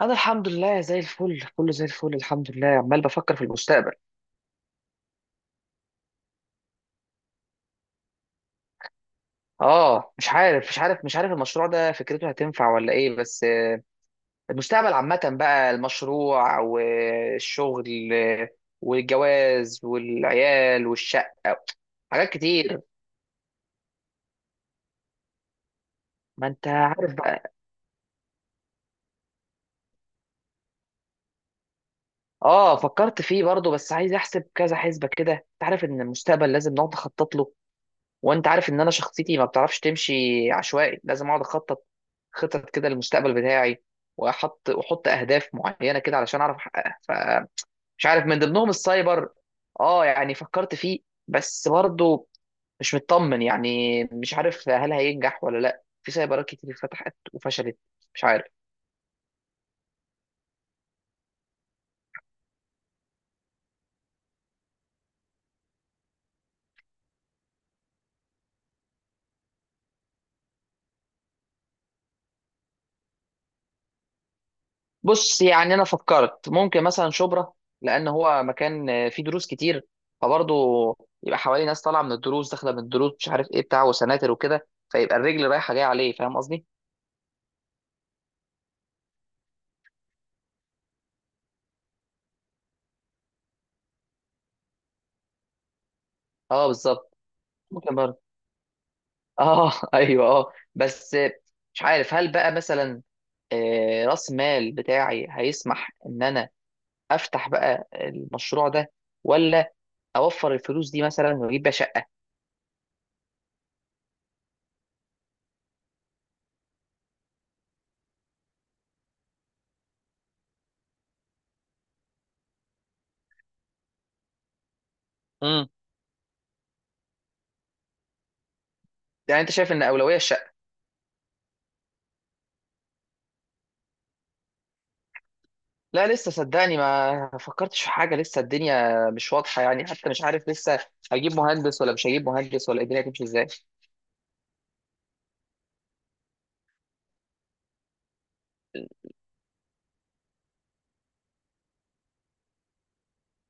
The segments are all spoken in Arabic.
انا الحمد لله زي الفل كله زي الفل الحمد لله عمال بفكر في المستقبل. اه مش عارف مش عارف مش عارف، المشروع ده فكرته هتنفع ولا ايه؟ بس المستقبل عامة بقى، المشروع والشغل والجواز والعيال والشقة. حاجات كتير. ما انت عارف بقى. اه فكرت فيه برضه، بس عايز احسب كذا حسبة كده. انت عارف ان المستقبل لازم نقعد نخطط له، وانت عارف ان انا شخصيتي ما بتعرفش تمشي عشوائي، لازم اقعد اخطط، خطط كده للمستقبل بتاعي، واحط واحط اهداف معينه كده علشان اعرف احققها. فمش عارف من ضمنهم السايبر. اه يعني فكرت فيه، بس برضه مش مطمن، يعني مش عارف هل هينجح ولا لا، في سايبرات كتير فتحت وفشلت. مش عارف. بص، يعني انا فكرت ممكن مثلا شبرا، لان هو مكان فيه دروس كتير، فبرضه يبقى حواليه ناس طالعه من الدروس داخله من الدروس، مش عارف ايه، بتاع وسناتر وكده، فيبقى الرجل رايحه جايه عليه. فاهم قصدي؟ اه بالظبط. ممكن برضه. اه ايوه اه، بس مش عارف هل بقى مثلا راس مال بتاعي هيسمح ان انا افتح بقى المشروع ده، ولا اوفر الفلوس دي مثلا واجيب بقى شقه. امم يعني انت شايف ان اولويه. لا لسه، صدقني ما فكرتش في حاجة لسه. الدنيا مش واضحة يعني، حتى مش عارف لسه هجيب مهندس ولا مش هجيب مهندس ولا الدنيا هتمشي ازاي.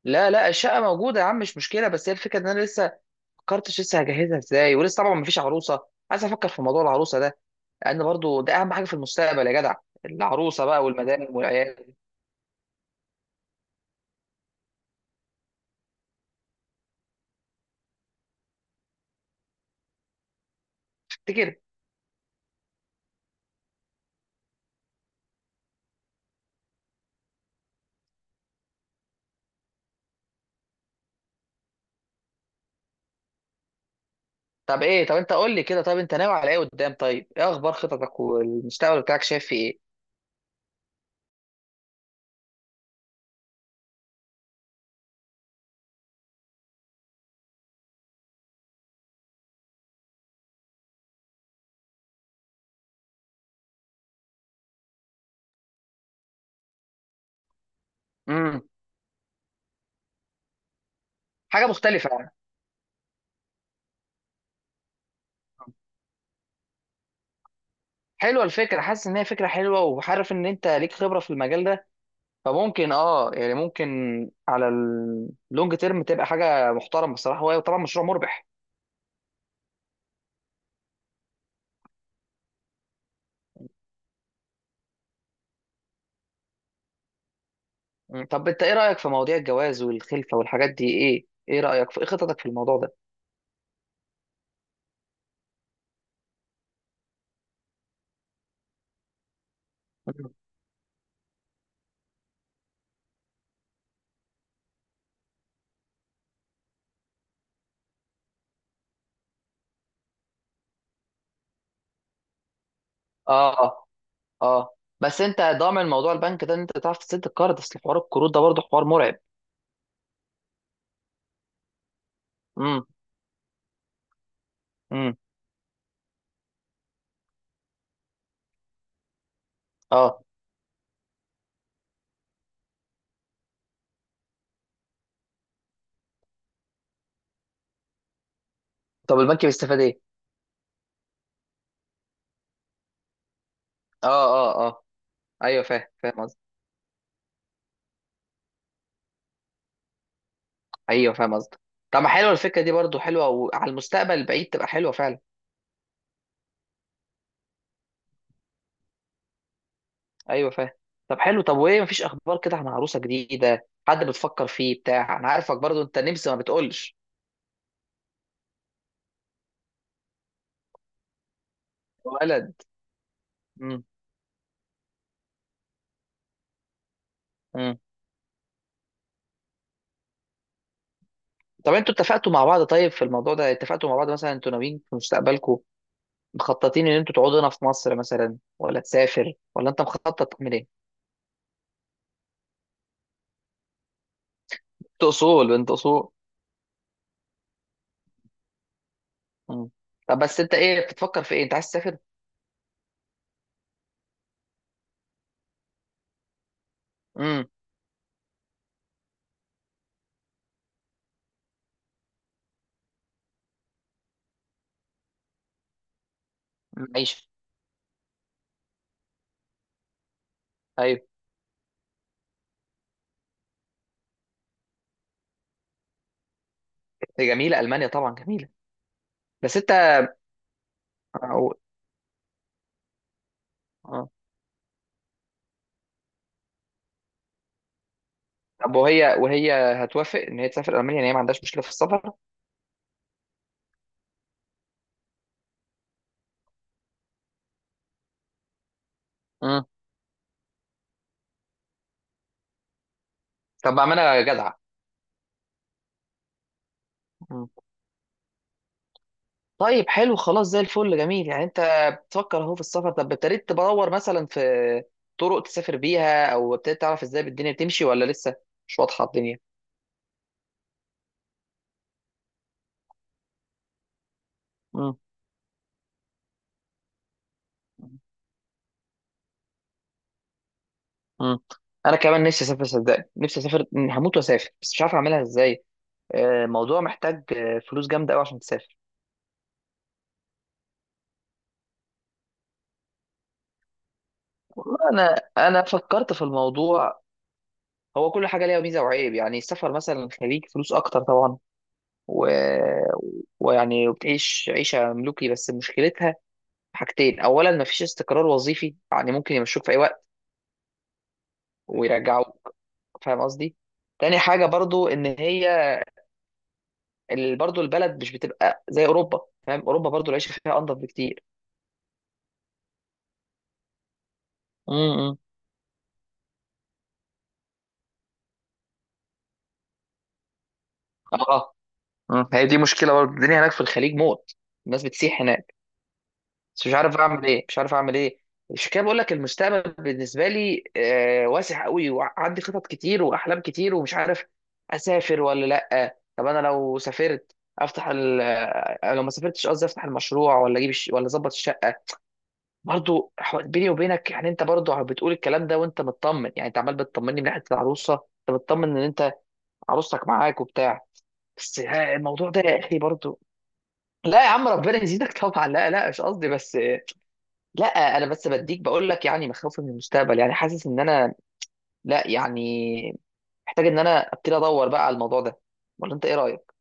لا لا الشقة موجودة يا عم، مش مشكلة، بس هي الفكرة ان انا لسه ما فكرتش لسه هجهزها ازاي، ولسه طبعا ما فيش عروسة. عايز افكر في موضوع العروسة ده، لان برضو ده اهم حاجة في المستقبل يا جدع. العروسة بقى والمدام والعيال. تفتكر؟ طب انت قول لي كده، طب انت ناوي على ايه قدام؟ طيب ايه اخبار خططك والمستقبل بتاعك، شايف فيه ايه؟ امم. حاجة مختلفة يعني. حلوه الفكره، حاسس ان هي فكره حلوه، وعارف ان انت ليك خبره في المجال ده، فممكن اه يعني ممكن على اللونج تيرم تبقى حاجه محترمه بصراحه. هو طبعا مشروع مربح. مم. طب انت ايه رايك في مواضيع الجواز والخلفه والحاجات دي؟ ايه رايك في ايه خططك في الموضوع ده؟ مم. اه. اه، بس انت ضامن موضوع البنك ده ان انت تعرف تسد الكارد؟ اصل حوار الكروت ده برضه حوار مرعب. امم. امم. اه. طب البنك بيستفاد ايه؟ اه. اه. اه. ايوه فاهم فاهم. ايوه فاهم قصدك. طب ما حلوه الفكره دي برضو، حلوه وعلى المستقبل البعيد تبقى حلوه فعلا. ايوه فاهم. طب حلو. طب وايه، مفيش اخبار كده عن عروسه جديده، حد بتفكر فيه بتاع؟ انا عارفك برضو، انت نمسي ما بتقولش. ولد. امم. امم. طب انتوا اتفقتوا مع بعض؟ طيب في الموضوع ده اتفقتوا مع بعض مثلا؟ انتوا ناويين في مستقبلكم مخططين ان انتوا تقعدوا هنا في مصر مثلا، ولا تسافر، ولا انت مخطط تعمل ايه؟ انت اصول، انت اصول. امم. طب بس انت ايه بتفكر في ايه، انت عايز تسافر؟ امم عيش. ايوه دي جميله المانيا، طبعا جميله. بس انت. أو... آه. طب وهي هتوافق ان هي تسافر المانيا؟ ان هي ما عندهاش مشكله في السفر؟ مم. طب اعملها جدعه. مم. طيب حلو، خلاص زي الفل جميل. يعني انت بتفكر اهو في السفر. طب ابتديت تدور مثلا في طرق تسافر بيها، او ابتديت تعرف ازاي الدنيا بتمشي ولا لسه مش واضحه الدنيا؟ مم. مم. انا كمان نفسي اسافر، صدقني نفسي اسافر، هموت واسافر، بس مش عارف اعملها ازاي. الموضوع محتاج فلوس جامده قوي عشان تسافر. والله انا فكرت في الموضوع. هو كل حاجة ليها ميزة وعيب. يعني السفر مثلا خليك فلوس أكتر طبعا، و... ويعني بتعيش عيشة ملوكي. بس مشكلتها حاجتين، أولا مفيش استقرار وظيفي، يعني ممكن يمشوك في أي وقت ويرجعوك. فاهم قصدي؟ تاني حاجة برضو إن هي برضو البلد مش بتبقى زي أوروبا. فاهم، أوروبا برضو العيشة فيها أنضف بكتير. امم. اه. آه. مم. هي دي مشكلة برضو، الدنيا هناك في الخليج موت، الناس بتسيح هناك. بس مش عارف اعمل ايه، مش عارف اعمل ايه. مش كده، بقول لك المستقبل بالنسبه لي واسع قوي، وعندي خطط كتير واحلام كتير، ومش عارف اسافر ولا لا. طب انا لو سافرت افتح ال... آه، لو ما سافرتش قصدي افتح المشروع، ولا اجيب ولا اظبط الشقه. برضو بيني وبينك يعني انت برضو بتقول الكلام ده وانت مطمن. يعني انت عمال بتطمني من ناحيه العروسه، انت بتطمن ان انت عروستك معاك وبتاع. بس الموضوع ده يا اخي برضو. لا يا عم ربنا يزيدك طبعا. لا لا مش قصدي بس. لا. انا بس بديك بقول لك يعني مخاوفي من المستقبل. يعني حاسس ان انا، لا يعني، محتاج ان انا ابتدي ادور بقى على الموضوع ده. ولا انت ايه رايك؟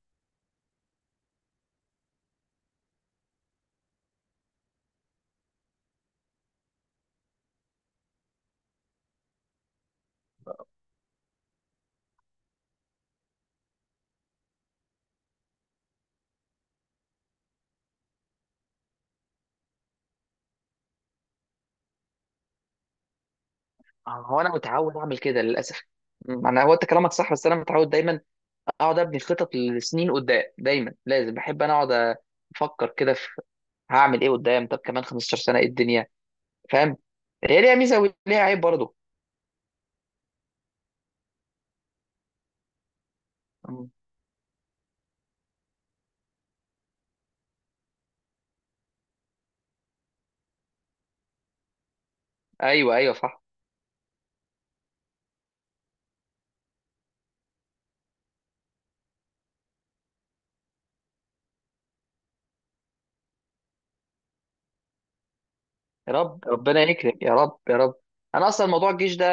هو انا متعود اعمل كده للاسف. انا، هو انت كلامك صح، بس انا متعود دايما اقعد ابني خطط لسنين قدام، دايما لازم، بحب انا اقعد افكر كده في هعمل ايه قدام، طب كمان 15 سنه ايه الدنيا. فاهم، هي ليها ميزه وليها عيب برضه. م، ايوه ايوه صح. يا رب ربنا يكرم، يا رب يا رب. انا اصلا موضوع الجيش ده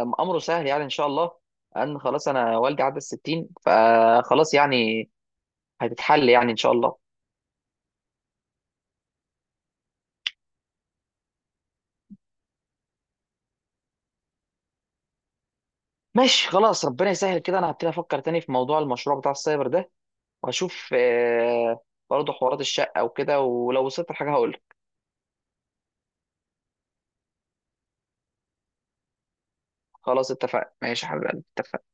امره سهل، يعني ان شاء الله ان خلاص، انا والدي عدى الستين فخلاص، يعني هتتحل يعني ان شاء الله. ماشي خلاص، ربنا يسهل كده. انا هبتدي افكر تاني في موضوع المشروع بتاع السايبر ده، وهشوف برضه حوارات الشقة وكده، ولو وصلت لحاجة هقول. خلاص اتفقنا، ماشي يا حبيبي اتفقنا.